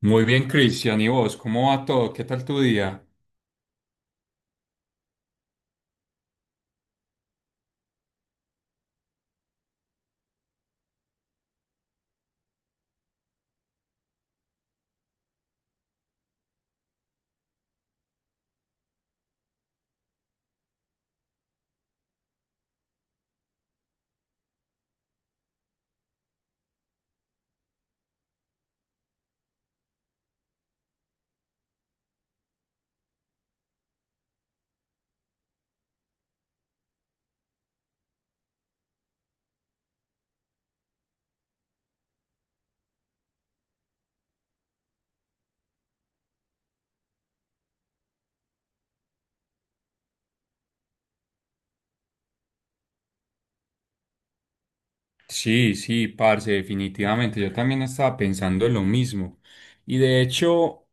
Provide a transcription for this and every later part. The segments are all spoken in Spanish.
Muy bien, Cristian. ¿Y vos? ¿Cómo va todo? ¿Qué tal tu día? Sí, sí, parce, definitivamente. Yo también estaba pensando en lo mismo. Y de hecho,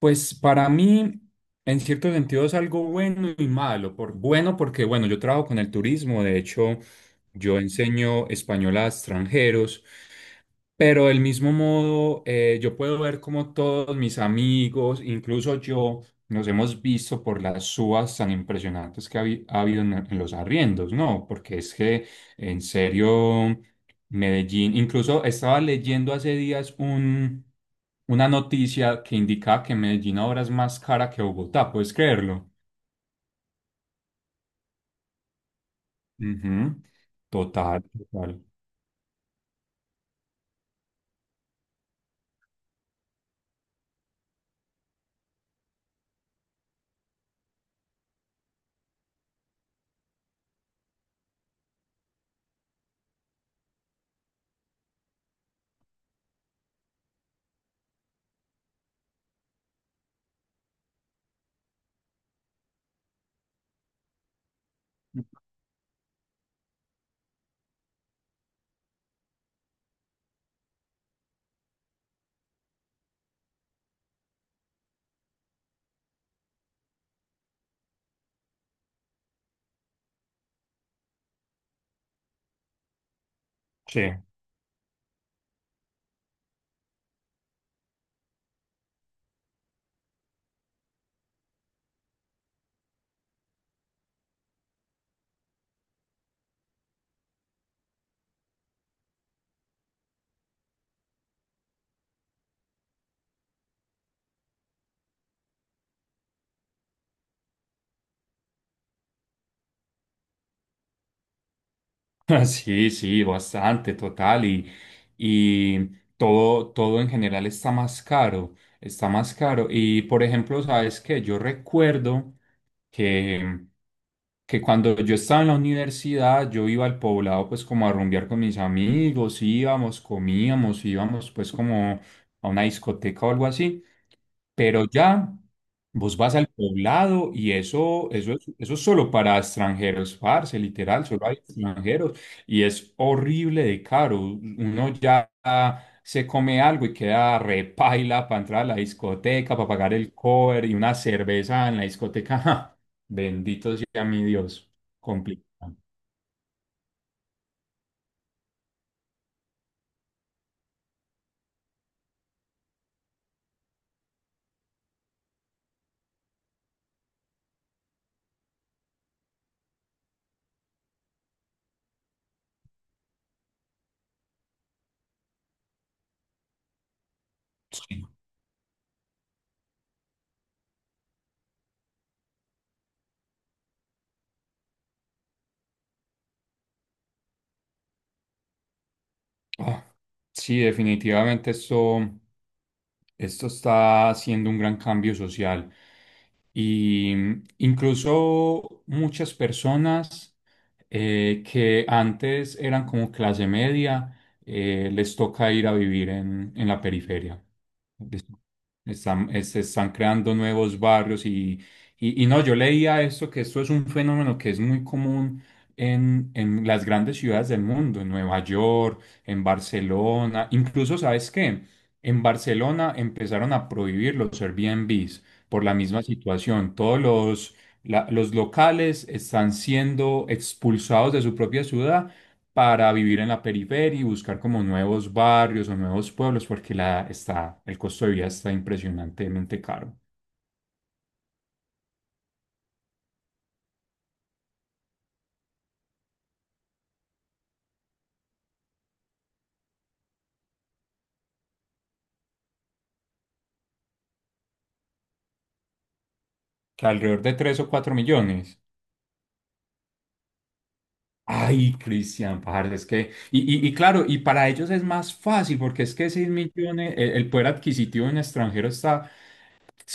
pues para mí, en cierto sentido, es algo bueno y malo. Por, bueno, porque bueno, yo trabajo con el turismo. De hecho, yo enseño español a extranjeros. Pero del mismo modo, yo puedo ver como todos mis amigos, incluso yo, nos hemos visto por las subas tan impresionantes que ha habido en los arriendos, ¿no? Porque es que, en serio. Medellín. Incluso estaba leyendo hace días una noticia que indicaba que Medellín ahora es más cara que Bogotá, ¿puedes creerlo? Ujú. Total, total. Sí. Sí, sí, bastante, total. Y todo, todo en general está más caro, está más caro. Y por ejemplo, ¿sabes qué? Yo recuerdo que, que cuando yo estaba en la universidad, yo iba al poblado pues como a rumbear con mis amigos, íbamos, comíamos, íbamos pues como a una discoteca o algo así. Pero ya vos vas al poblado y eso, eso es solo para extranjeros, parce, literal, solo hay extranjeros y es horrible de caro. Uno ya se come algo y queda repaila para entrar a la discoteca, para pagar el cover y una cerveza en la discoteca. ja, bendito sea mi Dios, complicado. Sí, ah, sí, definitivamente esto, esto está haciendo un gran cambio social. Y incluso muchas personas que antes eran como clase media, les toca ir a vivir en la periferia. Es- Están, se están creando nuevos barrios y no, yo leía esto, que esto es un fenómeno que es muy común en las grandes ciudades del mundo, en Nueva York, en Barcelona, incluso, ¿sabes qué? En Barcelona empezaron a prohibir los Airbnb por la misma situación. Los locales están siendo expulsados de su propia ciudad para vivir en la periferia y buscar como nuevos barrios o nuevos pueblos porque el costo de vida está impresionantemente caro, que alrededor de tres o 4 millones. Ay, Cristian, parce, es que, y claro, y para ellos es más fácil porque es que 6 millones, el poder adquisitivo en extranjero está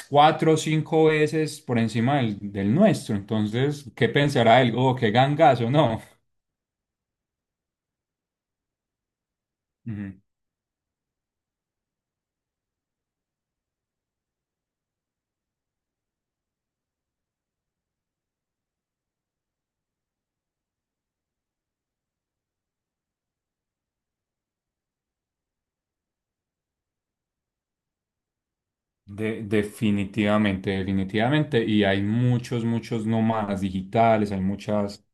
cuatro o cinco veces por encima del, del nuestro. Entonces, ¿qué pensará él? Oh, qué gangazo, no. Ujú. Definitivamente, definitivamente. Y hay muchos, muchos nómadas digitales, hay muchas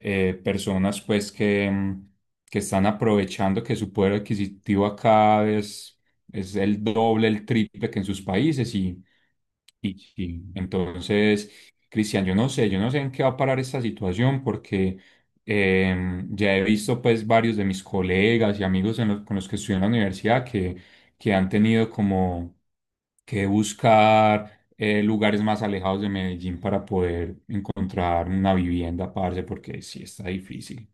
personas pues que, que están aprovechando que su poder adquisitivo acá es el doble, el triple que en sus países. Y entonces, Cristian, yo no sé en qué va a parar esta situación porque ya he visto pues varios de mis colegas y amigos en con los que estudié en la universidad que han tenido como que buscar lugares más alejados de Medellín para poder encontrar una vivienda, parce, porque sí está difícil.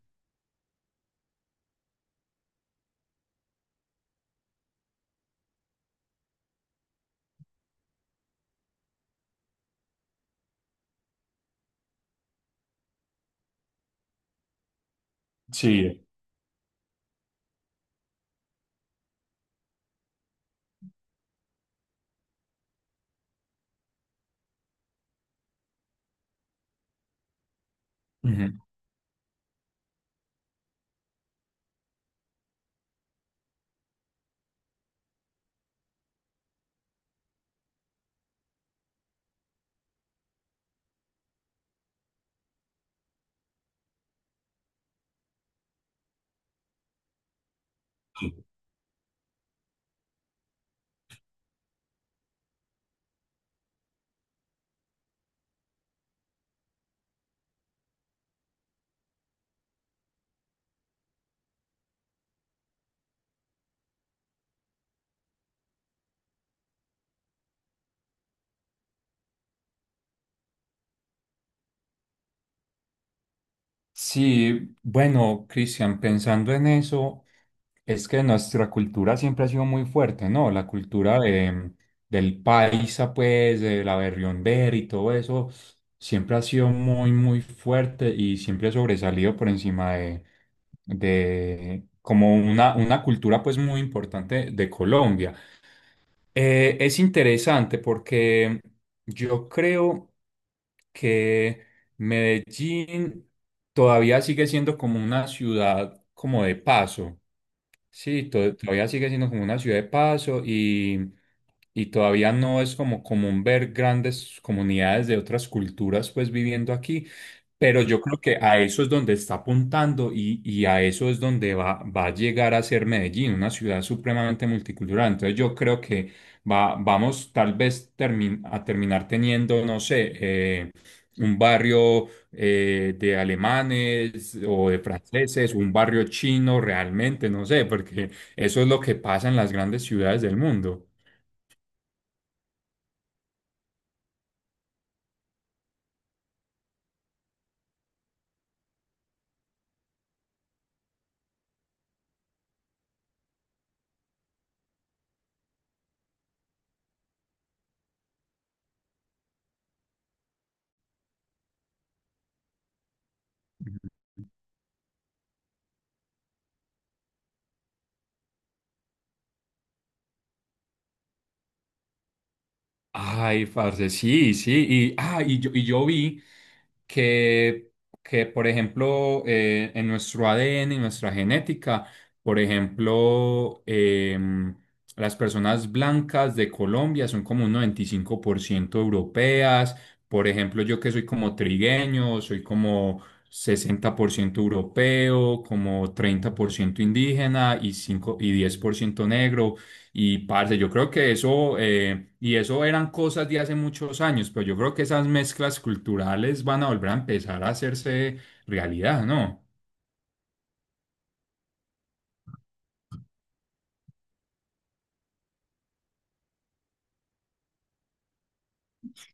Sí. Sí, bueno, Cristian, pensando en eso, es que nuestra cultura siempre ha sido muy fuerte, ¿no? Del paisa, pues, de la berriombera y todo eso, siempre ha sido muy, muy fuerte y siempre ha sobresalido por encima de como una cultura, pues, muy importante de Colombia. Es interesante porque yo creo que Medellín todavía sigue siendo como una ciudad como de paso. Sí, todavía sigue siendo como una ciudad de paso y todavía no es como común ver grandes comunidades de otras culturas pues viviendo aquí, pero yo creo que a eso es donde está apuntando y a eso es donde va, va a llegar a ser Medellín, una ciudad supremamente multicultural. Entonces yo creo que va, vamos tal vez a terminar teniendo, no sé, un barrio de alemanes o de franceses, un barrio chino realmente, no sé, porque eso es lo que pasa en las grandes ciudades del mundo. Ay, parce, sí, sí. Y, ah, y yo vi que, que, por ejemplo, en nuestro ADN, en nuestra genética, por ejemplo, las personas blancas de Colombia son como un 95% europeas. Por ejemplo, yo que soy como trigueño, soy como 60% europeo, como 30% indígena y, cinco y 10% negro. Y parce, yo creo que eso, y eso eran cosas de hace muchos años, pero yo creo que esas mezclas culturales van a volver a empezar a hacerse realidad, ¿no?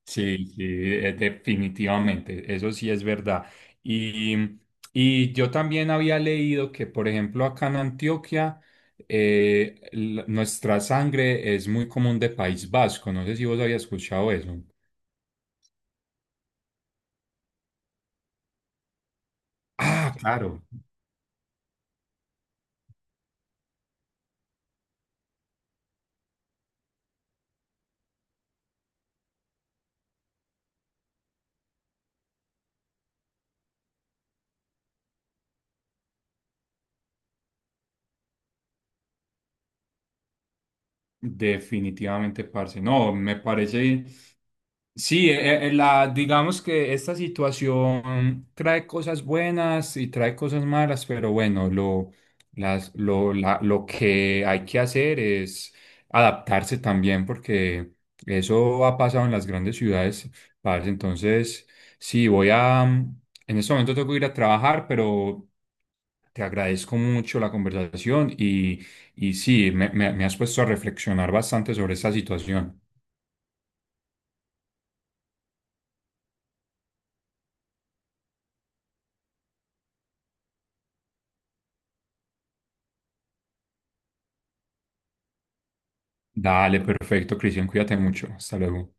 Sí, sí, definitivamente, eso sí es verdad. Y, y yo también había leído que, por ejemplo, acá en Antioquia, nuestra sangre es muy común de País Vasco, no sé si vos habías escuchado eso. Ah, claro, definitivamente, parce. No, me parece. Sí, la, digamos que esta situación trae cosas buenas y trae cosas malas, pero bueno, lo, las, lo, la- lo que hay que hacer es adaptarse también, porque eso ha pasado en las grandes ciudades, parce. Entonces, sí, en este momento tengo que ir a trabajar, pero te agradezco mucho la conversación y sí, me has puesto a reflexionar bastante sobre esta situación. Dale, perfecto, Cristian, cuídate mucho. Hasta luego.